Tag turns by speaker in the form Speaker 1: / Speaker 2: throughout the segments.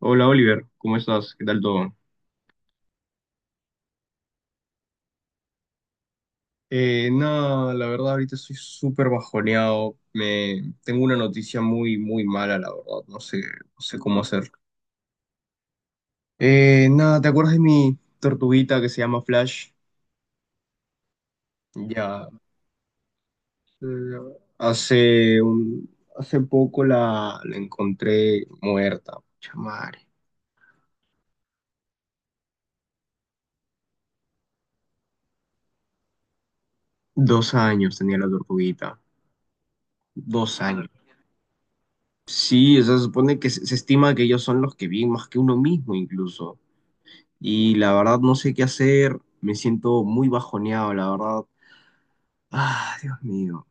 Speaker 1: Hola, Oliver, ¿cómo estás? ¿Qué tal todo? Nada, la verdad ahorita estoy súper bajoneado. Tengo una noticia muy, muy mala, la verdad. No sé cómo hacer. Nada, ¿te acuerdas de mi tortuguita que se llama Flash? Ya, eh, hace poco la encontré muerta. Pucha madre. 2 años tenía la tortuguita. 2 años. Sí, o sea, se supone que se estima que ellos son los que viven más que uno mismo incluso. Y la verdad no sé qué hacer, me siento muy bajoneado, la verdad. Ah, Dios mío.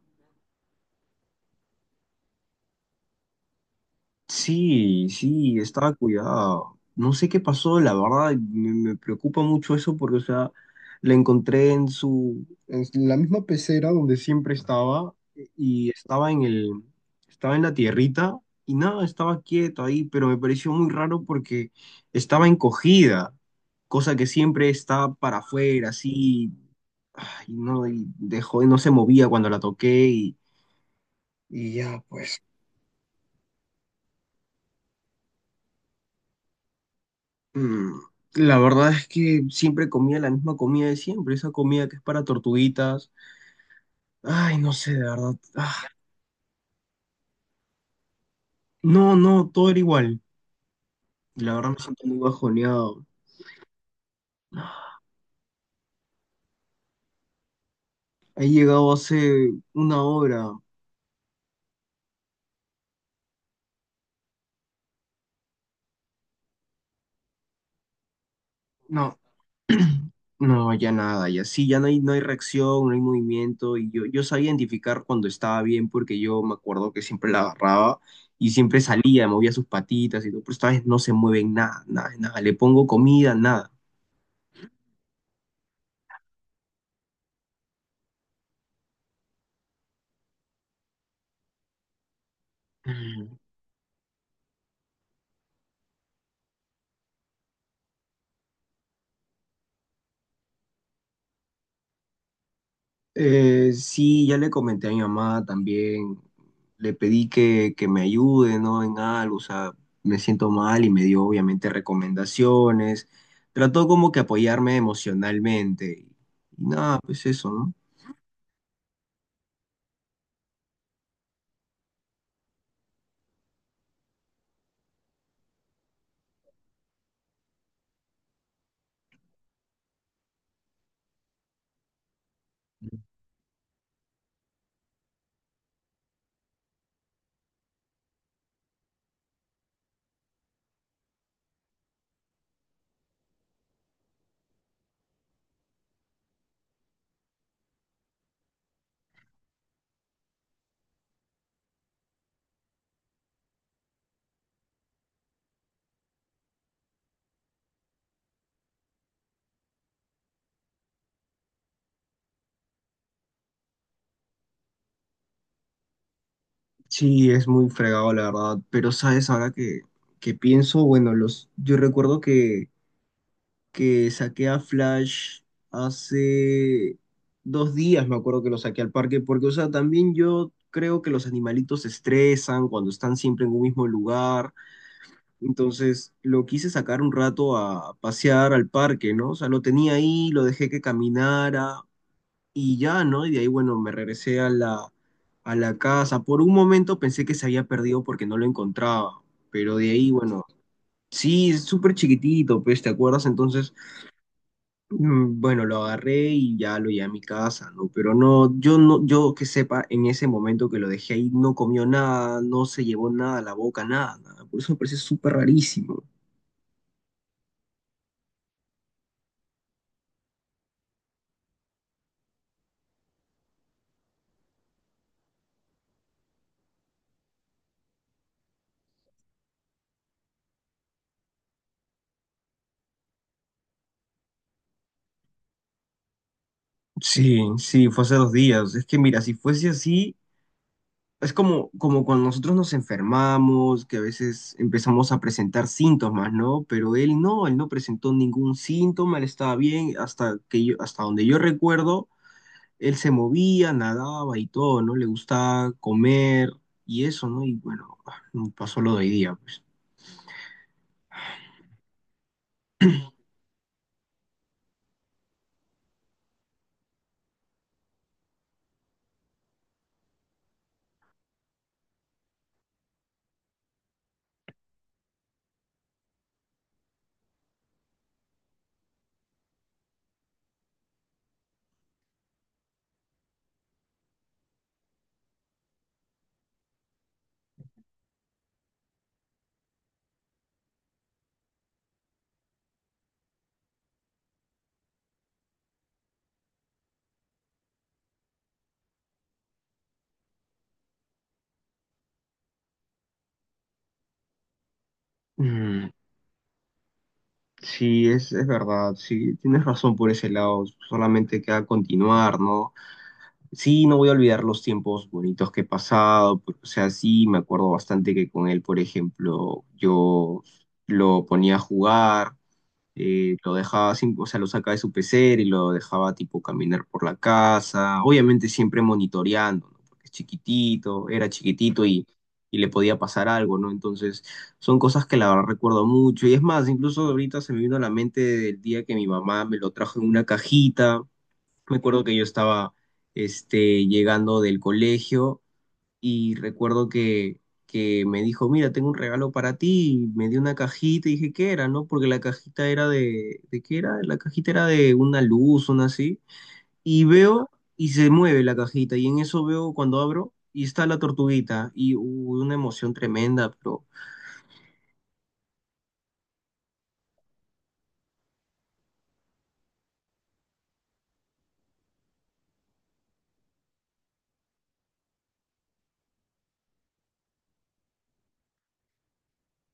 Speaker 1: Sí, sí, estaba cuidado. No sé qué pasó, la verdad, me preocupa mucho eso porque, o sea, la encontré en la misma pecera donde siempre estaba y estaba en la tierrita y nada, estaba quieto ahí, pero me pareció muy raro porque estaba encogida, cosa que siempre está para afuera, así, ay, no, y dejó, no se movía cuando la toqué y ya, pues. Mm, La verdad es que siempre comía la misma comida de siempre, esa comida que es para tortuguitas. Ay, no sé, de verdad. Ah, no, no, todo era igual. La verdad me siento muy bajoneado. Ah, he llegado hace una hora. No, no, ya nada, ya sí, ya no hay reacción, no hay movimiento. Y yo sabía identificar cuando estaba bien porque yo me acuerdo que siempre la agarraba y siempre salía, movía sus patitas y todo, pero esta vez no se mueven nada, nada, nada. Le pongo comida, nada. Sí, ya le comenté a mi mamá también, le pedí que me ayude, ¿no? En algo, o sea, me siento mal y me dio obviamente recomendaciones, trató como que apoyarme emocionalmente y nada, pues eso, ¿no? Sí, es muy fregado la verdad, pero sabes, ahora que pienso, bueno, yo recuerdo que saqué a Flash hace 2 días, me acuerdo que lo saqué al parque, porque, o sea, también yo creo que los animalitos se estresan cuando están siempre en un mismo lugar, entonces lo quise sacar un rato a pasear al parque, ¿no? O sea, lo tenía ahí, lo dejé que caminara y ya, ¿no? Y de ahí, bueno, me regresé a a la casa. Por un momento pensé que se había perdido porque no lo encontraba, pero de ahí, bueno, sí, es súper chiquitito, pues, ¿te acuerdas? Entonces... Bueno, lo agarré y ya lo llevé a mi casa, ¿no? Pero no, yo no, yo que sepa, en ese momento que lo dejé ahí, no comió nada, no se llevó nada a la boca, nada, nada. Por eso me parece súper rarísimo. Sí, sí, fue hace 2 días. Es que mira, si fuese así, es como cuando nosotros nos enfermamos, que a veces empezamos a presentar síntomas, ¿no? Pero él no presentó ningún síntoma, él estaba bien, hasta donde yo recuerdo. Él se movía, nadaba y todo, ¿no? Le gustaba comer y eso, ¿no? Y bueno, pasó lo de hoy día, pues. Mm, sí, es verdad, sí, tienes razón por ese lado, solamente queda continuar, ¿no? Sí, no voy a olvidar los tiempos bonitos que he pasado, pero, o sea, sí, me acuerdo bastante que con él, por ejemplo, yo lo ponía a jugar lo dejaba, o sea, lo sacaba de su pecera y lo dejaba tipo caminar por la casa, obviamente siempre monitoreando, ¿no? Porque es chiquitito, era chiquitito y le podía pasar algo, ¿no? Entonces, son cosas que la verdad recuerdo mucho. Y es más, incluso ahorita se me vino a la mente el día que mi mamá me lo trajo en una cajita. Me acuerdo que yo estaba, llegando del colegio y recuerdo que me dijo, mira, tengo un regalo para ti, y me dio una cajita y dije, ¿qué era? No, porque la cajita era ¿de qué era? La cajita era de una luz, una así, y veo y se mueve la cajita y en eso veo cuando abro y está la tortuguita y hubo una emoción tremenda, pero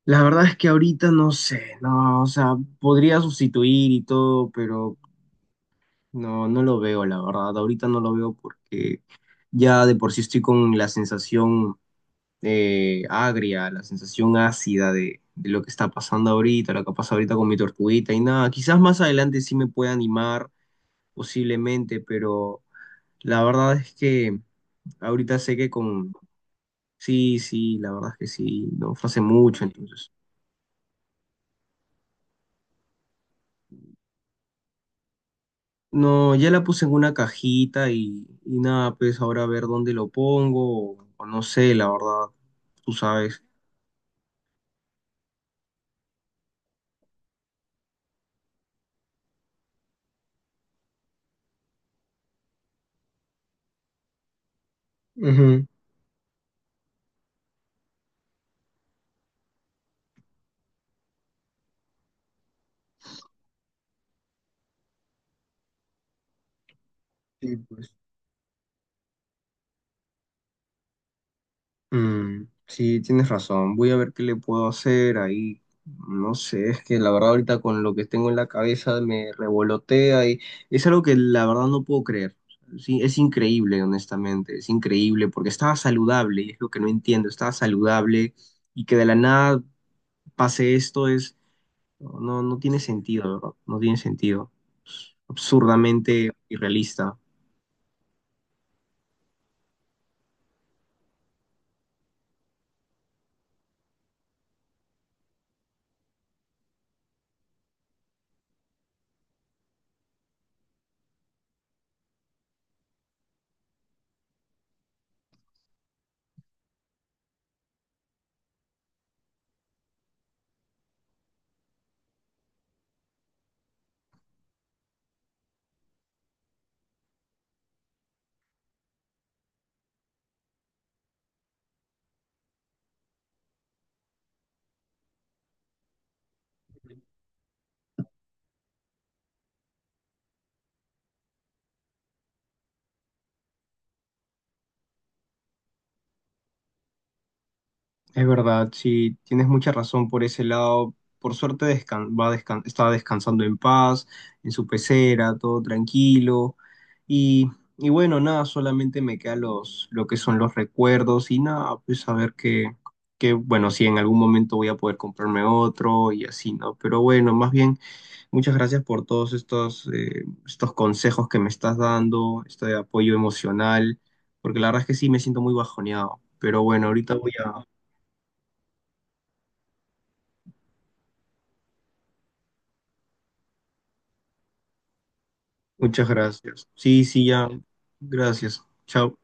Speaker 1: la verdad es que ahorita no sé, no, o sea, podría sustituir y todo, pero no, no lo veo, la verdad, ahorita no lo veo porque... Ya de por sí estoy con la sensación agria, la sensación ácida de lo que está pasando ahorita, lo que pasa ahorita con mi tortuguita y nada. Quizás más adelante sí me pueda animar, posiblemente, pero la verdad es que ahorita sé que con... Sí, sí, la verdad es que sí, no fue hace mucho entonces. No, ya la puse en una cajita y nada, pues ahora a ver dónde lo pongo, o, no sé, la verdad, tú sabes. Ujú. Sí, pues. Mm, sí, tienes razón. Voy a ver qué le puedo hacer ahí. No sé, es que la verdad ahorita con lo que tengo en la cabeza me revolotea y es algo que la verdad no puedo creer. Sí, es increíble, honestamente, es increíble porque estaba saludable y es lo que no entiendo, estaba saludable y que de la nada pase esto es, no, no tiene sentido, ¿verdad? No tiene sentido. Absurdamente irrealista. Es verdad, sí, tienes mucha razón por ese lado. Por suerte está descansando en paz, en su pecera, todo tranquilo. Y, y bueno, nada, solamente me queda lo que son los recuerdos y nada, pues a ver bueno, si en algún momento voy a poder comprarme otro y así, ¿no? Pero bueno, más bien, muchas gracias por todos estos consejos que me estás dando, este apoyo emocional, porque la verdad es que sí me siento muy bajoneado. Pero bueno, ahorita voy a... Muchas gracias. Sí, sí, ya. Gracias. Chao.